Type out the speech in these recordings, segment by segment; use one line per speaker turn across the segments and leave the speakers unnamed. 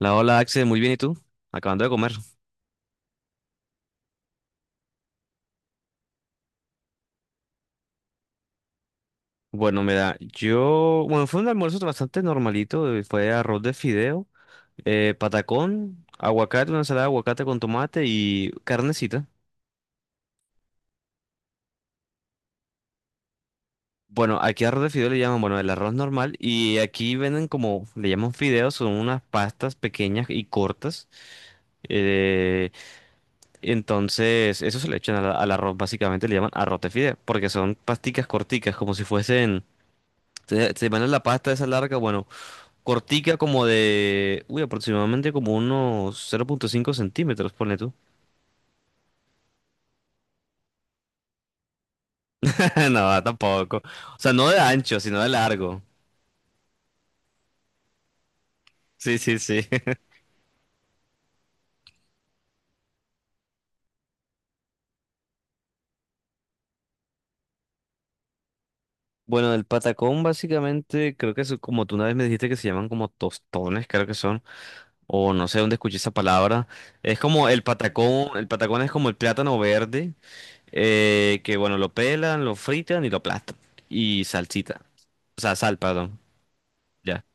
La hola Axel, muy bien, ¿y tú? Acabando de comer. Bueno, fue un almuerzo bastante normalito, fue arroz de fideo, patacón, aguacate, una ensalada de aguacate con tomate y carnecita. Bueno, aquí arroz de fideo le llaman, bueno, el arroz normal y aquí venden como, le llaman fideos, son unas pastas pequeñas y cortas. eh, entonces, eso se le echan al arroz, básicamente le llaman arroz de fideo, porque son pasticas corticas, como si fuesen, se van en la pasta esa larga, bueno. Cortica como de, uy, aproximadamente como unos 0.5 centímetros, ponle tú. No, tampoco. O sea, no de ancho, sino de largo. Sí, sí, sí. Bueno, el patacón básicamente, creo que es como tú una vez me dijiste que se llaman como tostones, creo que son, o no sé dónde escuché esa palabra. Es como el patacón es como el plátano verde, que bueno, lo pelan, lo fritan y lo aplastan. Y salsita, o sea, sal, perdón. Ya.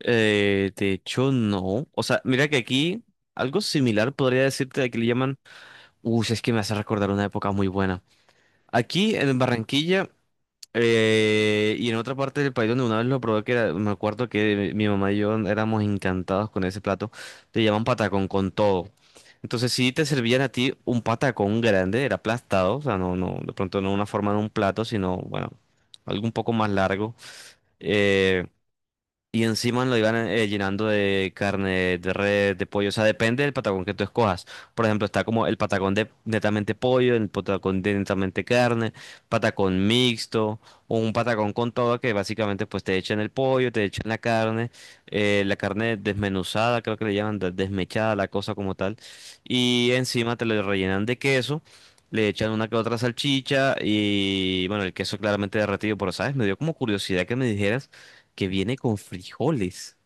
De hecho, no. O sea, mira que aquí algo similar podría decirte de que le llaman. Uy, es que me hace recordar una época muy buena. Aquí en Barranquilla, y en otra parte del país donde una vez lo probé, me acuerdo que mi mamá y yo éramos encantados con ese plato. Te llaman patacón con todo. Entonces, si te servían a ti un patacón grande, era aplastado, o sea, no, no, de pronto no una forma de un plato, sino, bueno, algo un poco más largo. Eh, y encima lo iban llenando de carne de res, de pollo. O sea, depende del patacón que tú escojas. Por ejemplo, está como el patacón de netamente pollo, el patacón de netamente carne, patacón mixto, o un patacón con todo que básicamente pues te echan el pollo, te echan la carne desmenuzada, creo que le llaman desmechada, la cosa como tal. Y encima te lo rellenan de queso, le echan una que otra salchicha y bueno, el queso claramente derretido, pero sabes, me dio como curiosidad que me dijeras que viene con frijoles.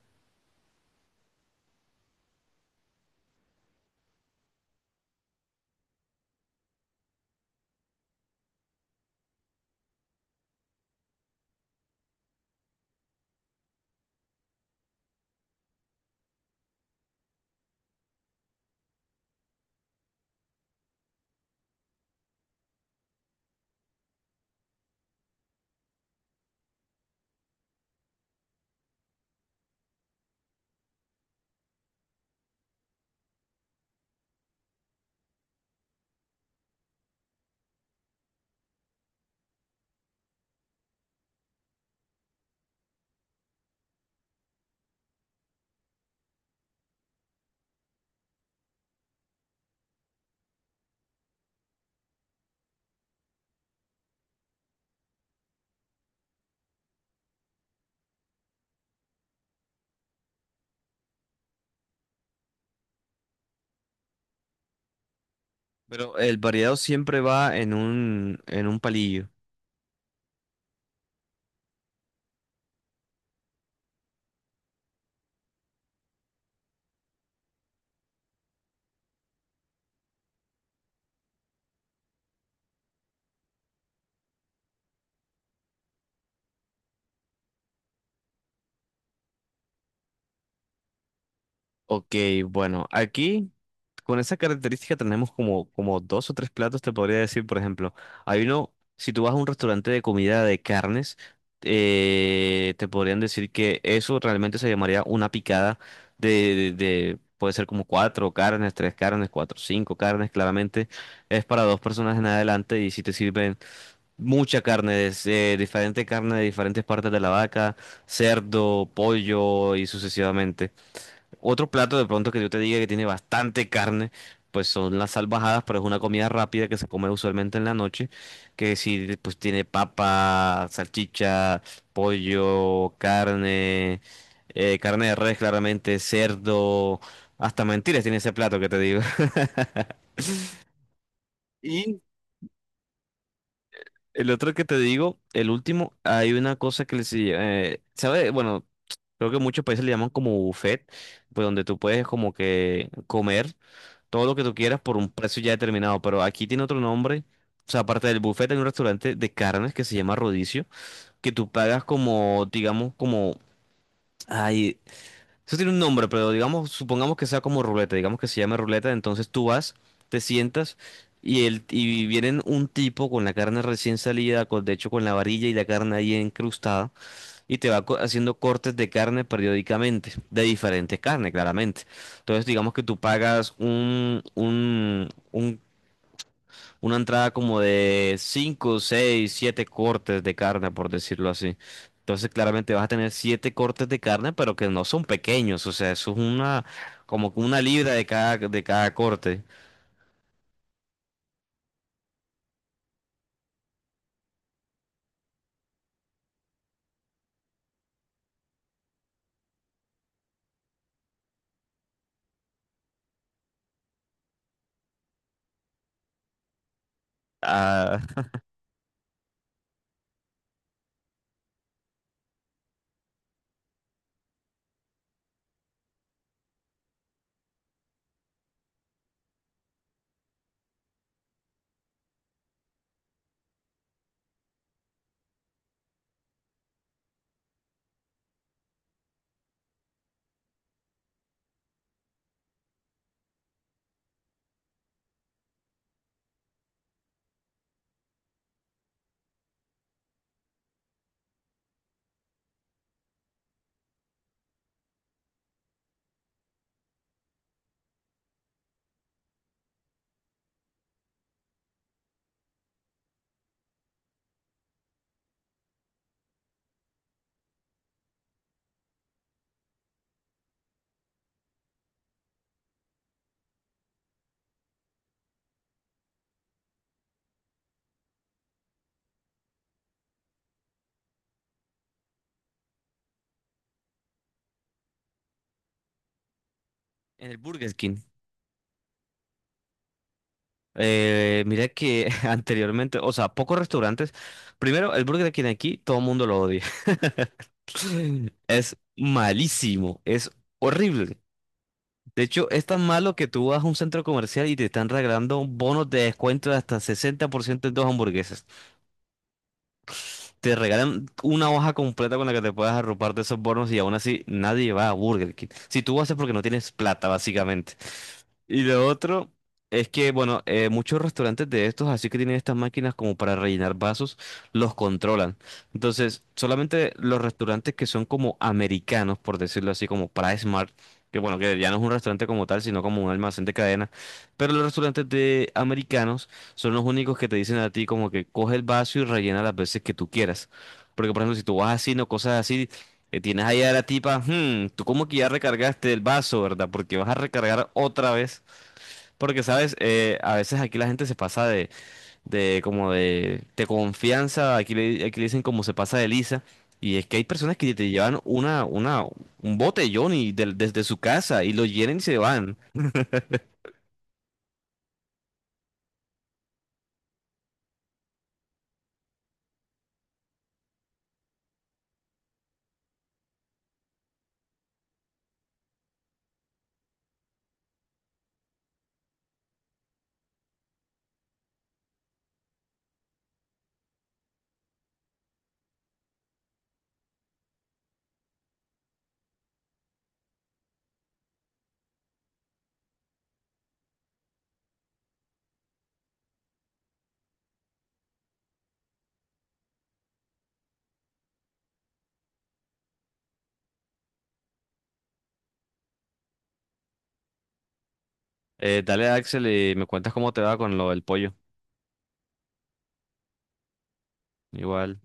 Pero el variado siempre va en un palillo. Ok, bueno, aquí con esa característica tenemos como, como dos o tres platos, te podría decir, por ejemplo, hay uno, si tú vas a un restaurante de comida de carnes, te podrían decir que eso realmente se llamaría una picada puede ser como cuatro carnes, tres carnes, cuatro, cinco carnes, claramente es para dos personas en adelante y si te sirven mucha carne, diferente carne de diferentes partes de la vaca, cerdo, pollo y sucesivamente. Otro plato de pronto que yo te diga que tiene bastante carne, pues son las salvajadas, pero es una comida rápida que se come usualmente en la noche, que si pues tiene papa, salchicha, pollo, carne, carne de res claramente, cerdo, hasta mentiras tiene ese plato que te digo. El otro que te digo, el último, hay una cosa que les... ¿sabe? Bueno, creo que muchos países le llaman como buffet, pues donde tú puedes como que comer todo lo que tú quieras por un precio ya determinado, pero aquí tiene otro nombre. O sea, aparte del buffet, hay un restaurante de carnes que se llama Rodicio, que tú pagas como, digamos, como... Ay, eso tiene un nombre, pero digamos, supongamos que sea como ruleta, digamos que se llame ruleta, entonces tú vas, te sientas y el y vienen un tipo con la carne recién salida, con, de hecho con la varilla y la carne ahí encrustada y te va haciendo cortes de carne periódicamente, de diferentes carnes, claramente. Entonces, digamos que tú pagas un una entrada como de 5 6 7 cortes de carne, por decirlo así. Entonces, claramente vas a tener 7 cortes de carne, pero que no son pequeños. O sea, eso es una, como que una libra de cada corte. Ah, en el Burger King. Mira que anteriormente, o sea, pocos restaurantes. Primero, el Burger King aquí, todo el mundo lo odia. Es malísimo, es horrible. De hecho, es tan malo que tú vas a un centro comercial y te están regalando bonos de descuento de hasta 60% en dos hamburguesas. Te regalan una hoja completa con la que te puedas arropar de esos bonos y aún así nadie va a Burger King. Si tú vas es porque no tienes plata, básicamente. Y lo otro es que, bueno, muchos restaurantes de estos, así que tienen estas máquinas como para rellenar vasos, los controlan. Entonces, solamente los restaurantes que son como americanos, por decirlo así, como para Smart, que bueno, que ya no es un restaurante como tal, sino como un almacén de cadena, pero los restaurantes de americanos son los únicos que te dicen a ti como que coge el vaso y rellena las veces que tú quieras. Porque, por ejemplo, si tú vas así, no cosas así, tienes ahí a la tipa, "Hmm, tú como que ya recargaste el vaso, ¿verdad? Porque vas a recargar otra vez. Porque, ¿sabes? A veces aquí la gente se pasa de, de confianza, aquí le dicen como se pasa de lisa, y es que hay personas que te llevan un botellón y desde su casa y lo llenan y se van. Dale Axel y me cuentas cómo te va con lo del pollo. Igual.